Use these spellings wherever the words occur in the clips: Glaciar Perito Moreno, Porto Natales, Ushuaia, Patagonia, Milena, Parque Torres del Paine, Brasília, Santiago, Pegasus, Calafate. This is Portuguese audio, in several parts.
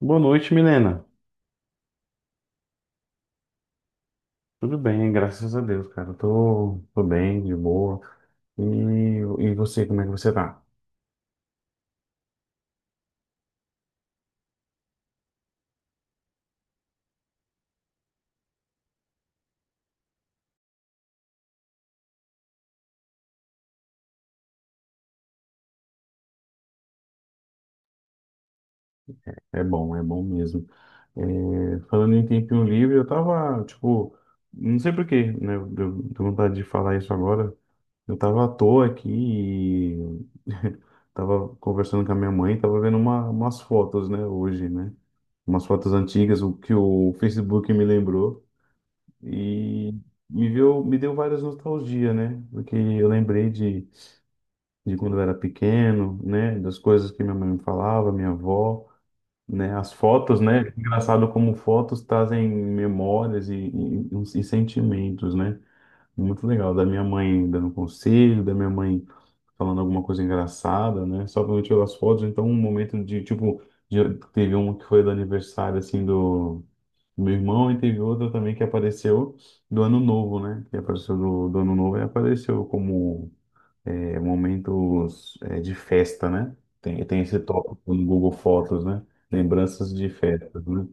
Boa noite, Milena. Tudo bem, graças a Deus, cara. Eu tô bem, de boa. E você, como é que você tá? É bom mesmo. É, falando em tempinho livre, eu tava, tipo, não sei por quê, né? Deu vontade de falar isso agora. Eu tava à toa aqui e tava conversando com a minha mãe, tava vendo umas fotos, né, hoje, né? Umas fotos antigas, o que o Facebook me lembrou e me viu, me deu várias nostalgia, né? Porque eu lembrei de quando eu era pequeno, né, das coisas que minha mãe me falava, minha avó, né, as fotos, né? Engraçado como fotos trazem memórias e sentimentos, né? Muito legal, da minha mãe dando conselho, da minha mãe falando alguma coisa engraçada, né? Só quando eu tiro as fotos, então um momento de, tipo, teve uma que foi do aniversário, assim, do meu irmão, e teve outra também que apareceu do Ano Novo, né? Que apareceu do Ano Novo e apareceu como momentos de festa, né? Tem, tem esse tópico no Google Fotos, né? Lembranças de festas, né?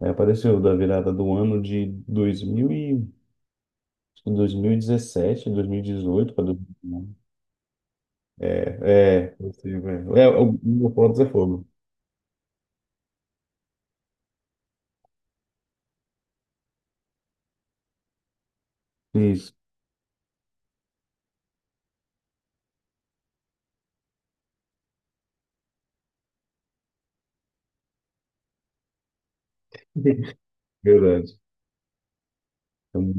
Aí apareceu da virada do ano de 2000 e, 2017, 2018 para... É, possível, é. É, o Pontos é fogo. Isso, verdade. Então,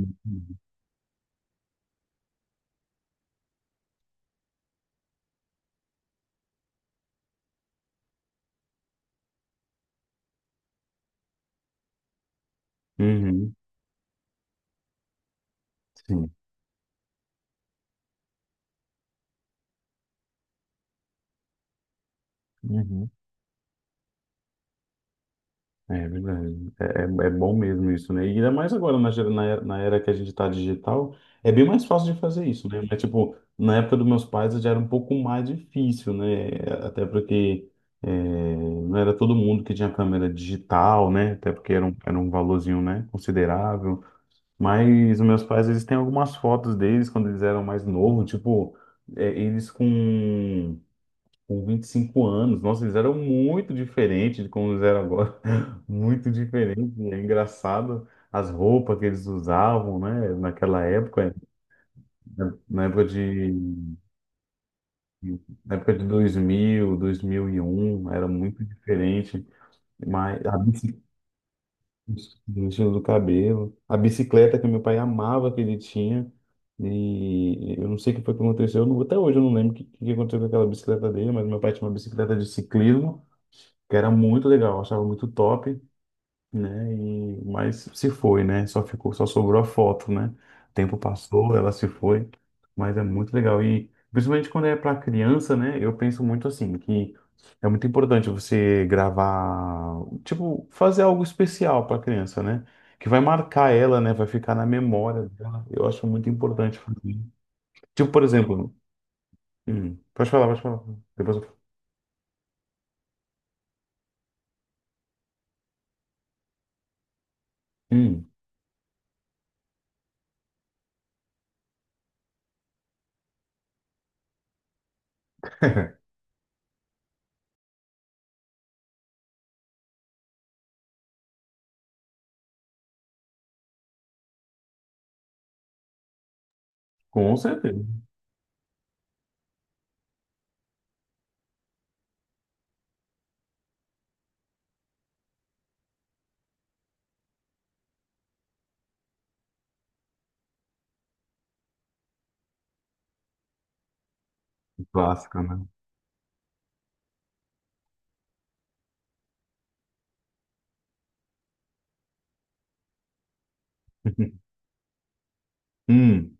uhum, sim. Uhum. É verdade. É, é, é bom mesmo isso, né? E ainda mais agora, na era que a gente tá digital, é bem mais fácil de fazer isso, né? Mas, tipo, na época dos meus pais já era um pouco mais difícil, né? Até porque é, não era todo mundo que tinha câmera digital, né? Até porque era um valorzinho, né? Considerável. Mas os meus pais, eles têm algumas fotos deles quando eles eram mais novos, tipo, é, eles com 25 anos. Nossa, eles eram muito diferentes de como eles eram agora. Muito diferente. É engraçado as roupas que eles usavam, né? Naquela época, na na época de, na época de 2001 era muito diferente. Mas a bici- do estilo do cabelo. A bicicleta que meu pai amava que ele tinha. E eu não sei o que foi que aconteceu. Eu não- até hoje eu não lembro o que aconteceu com aquela bicicleta dele, mas meu pai tinha uma bicicleta de ciclismo, que era muito legal, eu achava muito top, né? E, mas se foi, né? Só ficou, só sobrou a foto, né? O tempo passou, ela se foi, mas é muito legal. E principalmente quando é para criança, né? Eu penso muito assim, que é muito importante você gravar, tipo, fazer algo especial para criança, né? Que vai marcar ela, né? Vai ficar na memória dela. Eu acho muito importante fazer. Tipo, por exemplo, pode falar, pode falar. Depois eu falo. hum, com certeza. Clássica, né? Hum.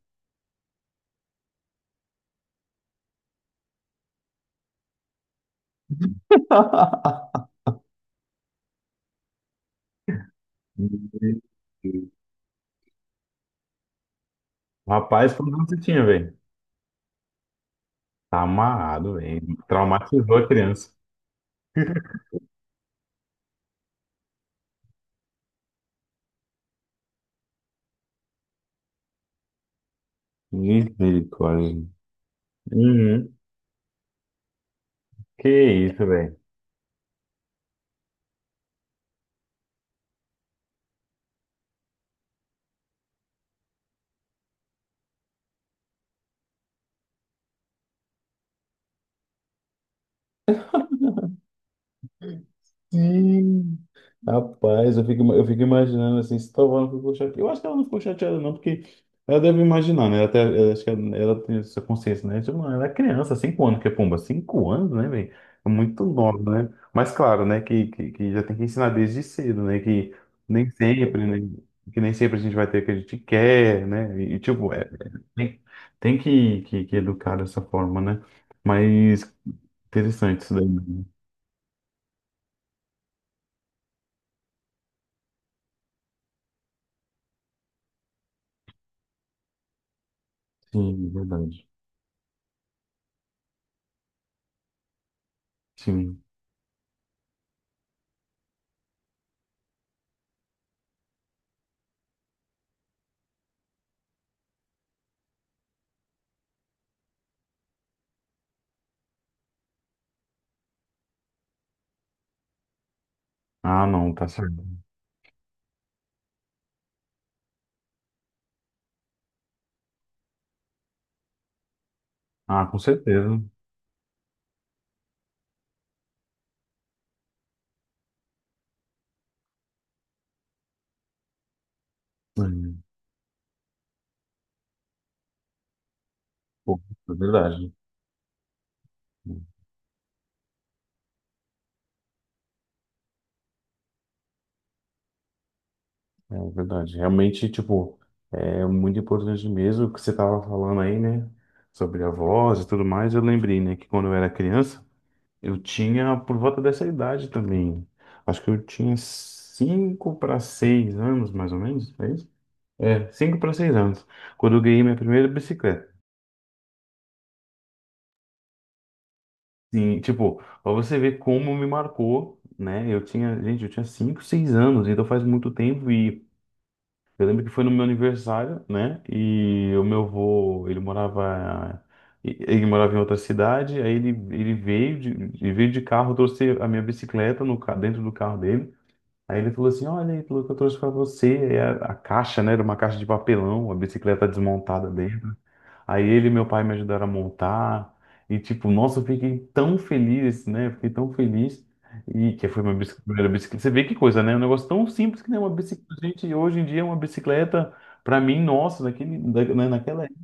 Rapaz, quando você tinha, velho? Tá amarrado, velho. Traumatizou a criança. Misericórdia. Uhum. Que isso, velho. Sim. Rapaz, eu fico imaginando assim, se Tovão não ficou chateada. Eu acho que ela não ficou chateada, não, porque ela deve imaginar, né? Ela até, eu acho que ela tem essa consciência, né? Tipo, mano, ela é criança, cinco anos, que é pomba, cinco anos, né, velho? É muito nova, né? Mas claro, né, que já tem que ensinar desde cedo, né? Que nem sempre, né? Que nem sempre a gente vai ter o que a gente quer, né? E, tipo, tem, que educar dessa forma, né? Mas interessante isso daí, né? Sim, é verdade. Sim. Ah, não, tá certo. Ah, com certeza. Hum. Pô, é verdade. É verdade. Realmente, tipo, é muito importante mesmo o que você estava falando aí, né? Sobre a voz e tudo mais. Eu lembrei, né, que quando eu era criança, eu tinha por volta dessa idade também. Acho que eu tinha cinco para seis anos, mais ou menos, é isso? É, cinco para seis anos, quando eu ganhei minha primeira bicicleta. Sim, tipo, pra você ver como me marcou, né? Eu tinha, gente, eu tinha 5 6 anos, então faz muito tempo e eu lembro que foi no meu aniversário, né? E o meu avô, ele morava em outra cidade, aí ele veio ele veio de carro, trouxe a minha bicicleta no, dentro do carro dele. Aí ele falou assim: Olha aí, falou que eu trouxe pra você. Aí a caixa, né? Era uma caixa de papelão, a bicicleta desmontada dele. Aí ele e meu pai me ajudaram a montar. E, tipo, nossa, eu fiquei tão feliz, né? Eu fiquei tão feliz. E que foi minha bicicleta primeira bicicleta. Você vê que coisa, né? É um negócio tão simples que nem uma bicicleta. Gente, hoje em dia, uma bicicleta, pra mim, nossa, naquela época,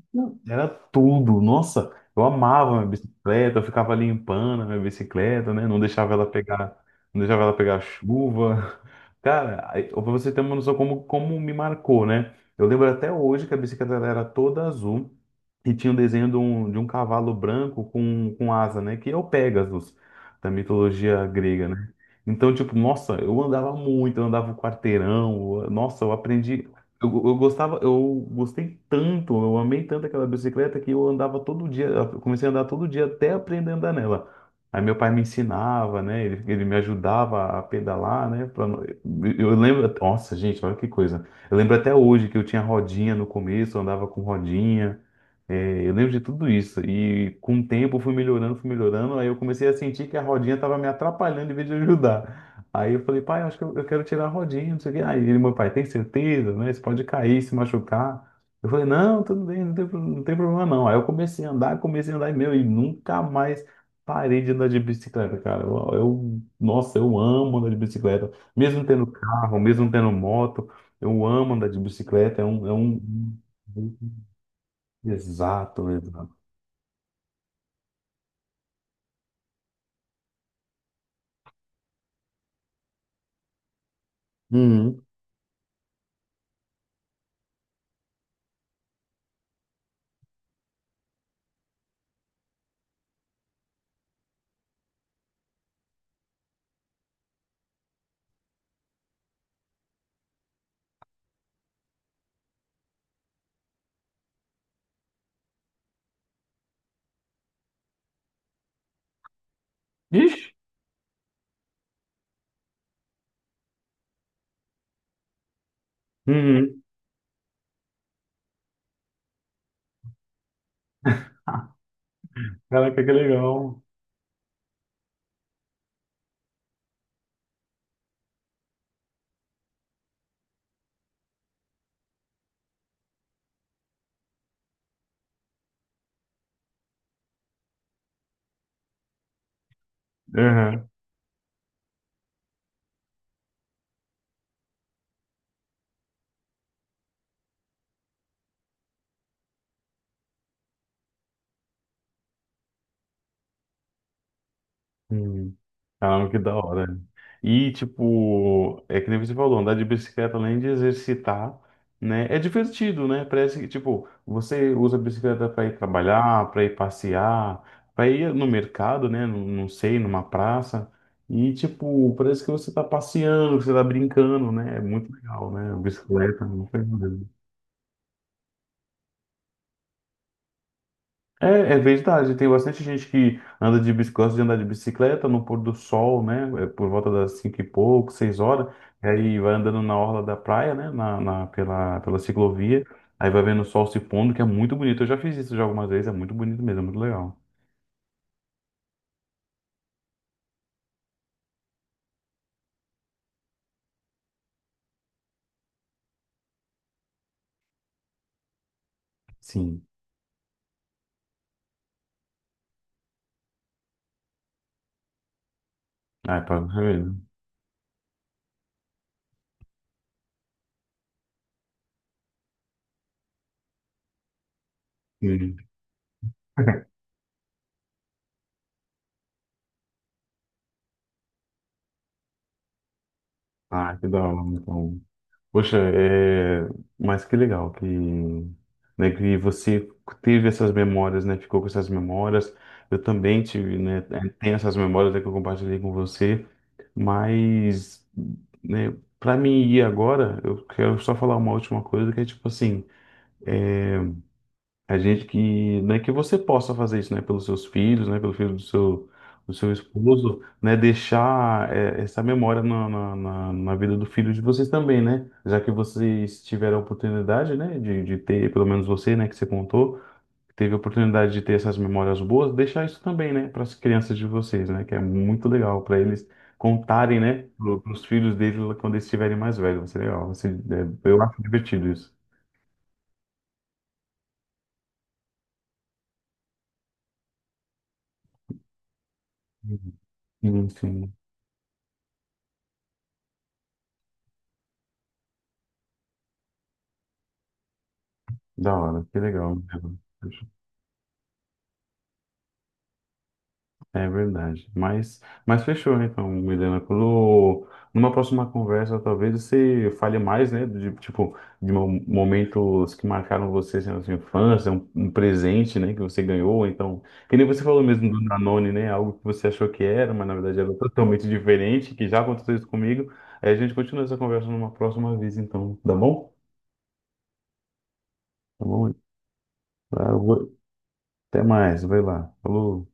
era tudo. Nossa, eu amava minha bicicleta, eu ficava limpando a minha bicicleta, né? Não deixava ela pegar, não deixava ela pegar chuva. Cara, aí, pra você ter uma noção como me marcou, né? Eu lembro até hoje que a bicicleta ela era toda azul. E tinha um desenho de um cavalo branco com asa, né? Que é o Pegasus, da mitologia grega, né? Então, tipo, nossa, eu andava muito, eu andava o quarteirão, nossa, eu aprendi. Eu eu gostava, eu gostei tanto, eu amei tanto aquela bicicleta que eu andava todo dia, eu comecei a andar todo dia até aprender a andar nela. Aí meu pai me ensinava, né? Ele me ajudava a pedalar, né? pra não- eu lembro, nossa, gente, olha que coisa. Eu lembro até hoje que eu tinha rodinha no começo, eu andava com rodinha. É, eu lembro de tudo isso. E com o tempo eu fui melhorando, fui melhorando. Aí eu comecei a sentir que a rodinha estava me atrapalhando em vez de ajudar. Aí eu falei, pai, eu acho eu quero tirar a rodinha, não sei o quê. Aí ele, meu pai, tem certeza, né? Você pode cair, se machucar. Eu falei, não, tudo bem, não tem, não tem problema não. Aí eu comecei a andar e nunca mais parei de andar de bicicleta, cara. Nossa, eu amo andar de bicicleta. Mesmo tendo carro, mesmo tendo moto, eu amo andar de bicicleta. É um... Exato, exato. Uhum. Ixi! Uhum. Caraca, que legal. Uhum. Uhum. Caramba, que da hora. E, tipo, é que nem você falou, andar de bicicleta, além de exercitar, né? É divertido, né? Parece que, tipo, você usa a bicicleta para ir trabalhar, para ir passear, para ir no mercado, né? Não, não sei, numa praça. E, tipo, parece que você tá passeando, que você tá brincando, né? É muito legal, né? A bicicleta, é muito legal. É, é verdade, tem bastante gente que anda de bicicleta, gosta de andar de bicicleta no pôr do sol, né? Por volta das cinco e pouco, seis horas, e aí vai andando na orla da praia, né? Pela ciclovia, aí vai vendo o sol se pondo, que é muito bonito. Eu já fiz isso já algumas vezes, é muito bonito mesmo, é muito legal. Sim. Ah, é pra ver. Sim. Ah, que da hora, então. Poxa, é... mas que legal que, né, que você teve essas memórias, né? Ficou com essas memórias. Eu também tive, né? Tenho essas memórias, né, que eu compartilhei com você. Mas, né, para mim ir agora, eu quero só falar uma última coisa que é tipo assim. É, a gente que, né, que você possa fazer isso, né, pelos seus filhos, né, pelo filho do seu esposo, né, deixar essa memória na, na vida do filho de vocês também, né, já que vocês tiveram a oportunidade, né, de ter, pelo menos você, né, que você contou, teve a oportunidade de ter essas memórias boas, deixar isso também, né, para as crianças de vocês, né, que é muito legal para eles contarem, né, para os filhos deles quando eles estiverem mais velhos, vai ser legal, é, eu acho divertido isso. Uhum. Sim, sim. Da hora, que legal. É verdade. Mas fechou, né? Então, Milena, quando, numa próxima conversa, talvez você fale mais, né? De, tipo, momentos que marcaram você assim, na sua infância, um presente, né? Que você ganhou, ou então, que nem você falou mesmo do Danone, né? Algo que você achou que era, mas na verdade era totalmente diferente, que já aconteceu isso comigo. Aí a gente continua essa conversa numa próxima vez, então, tá bom? Tá bom? Ah, eu vou... Até mais, vai lá. Falou.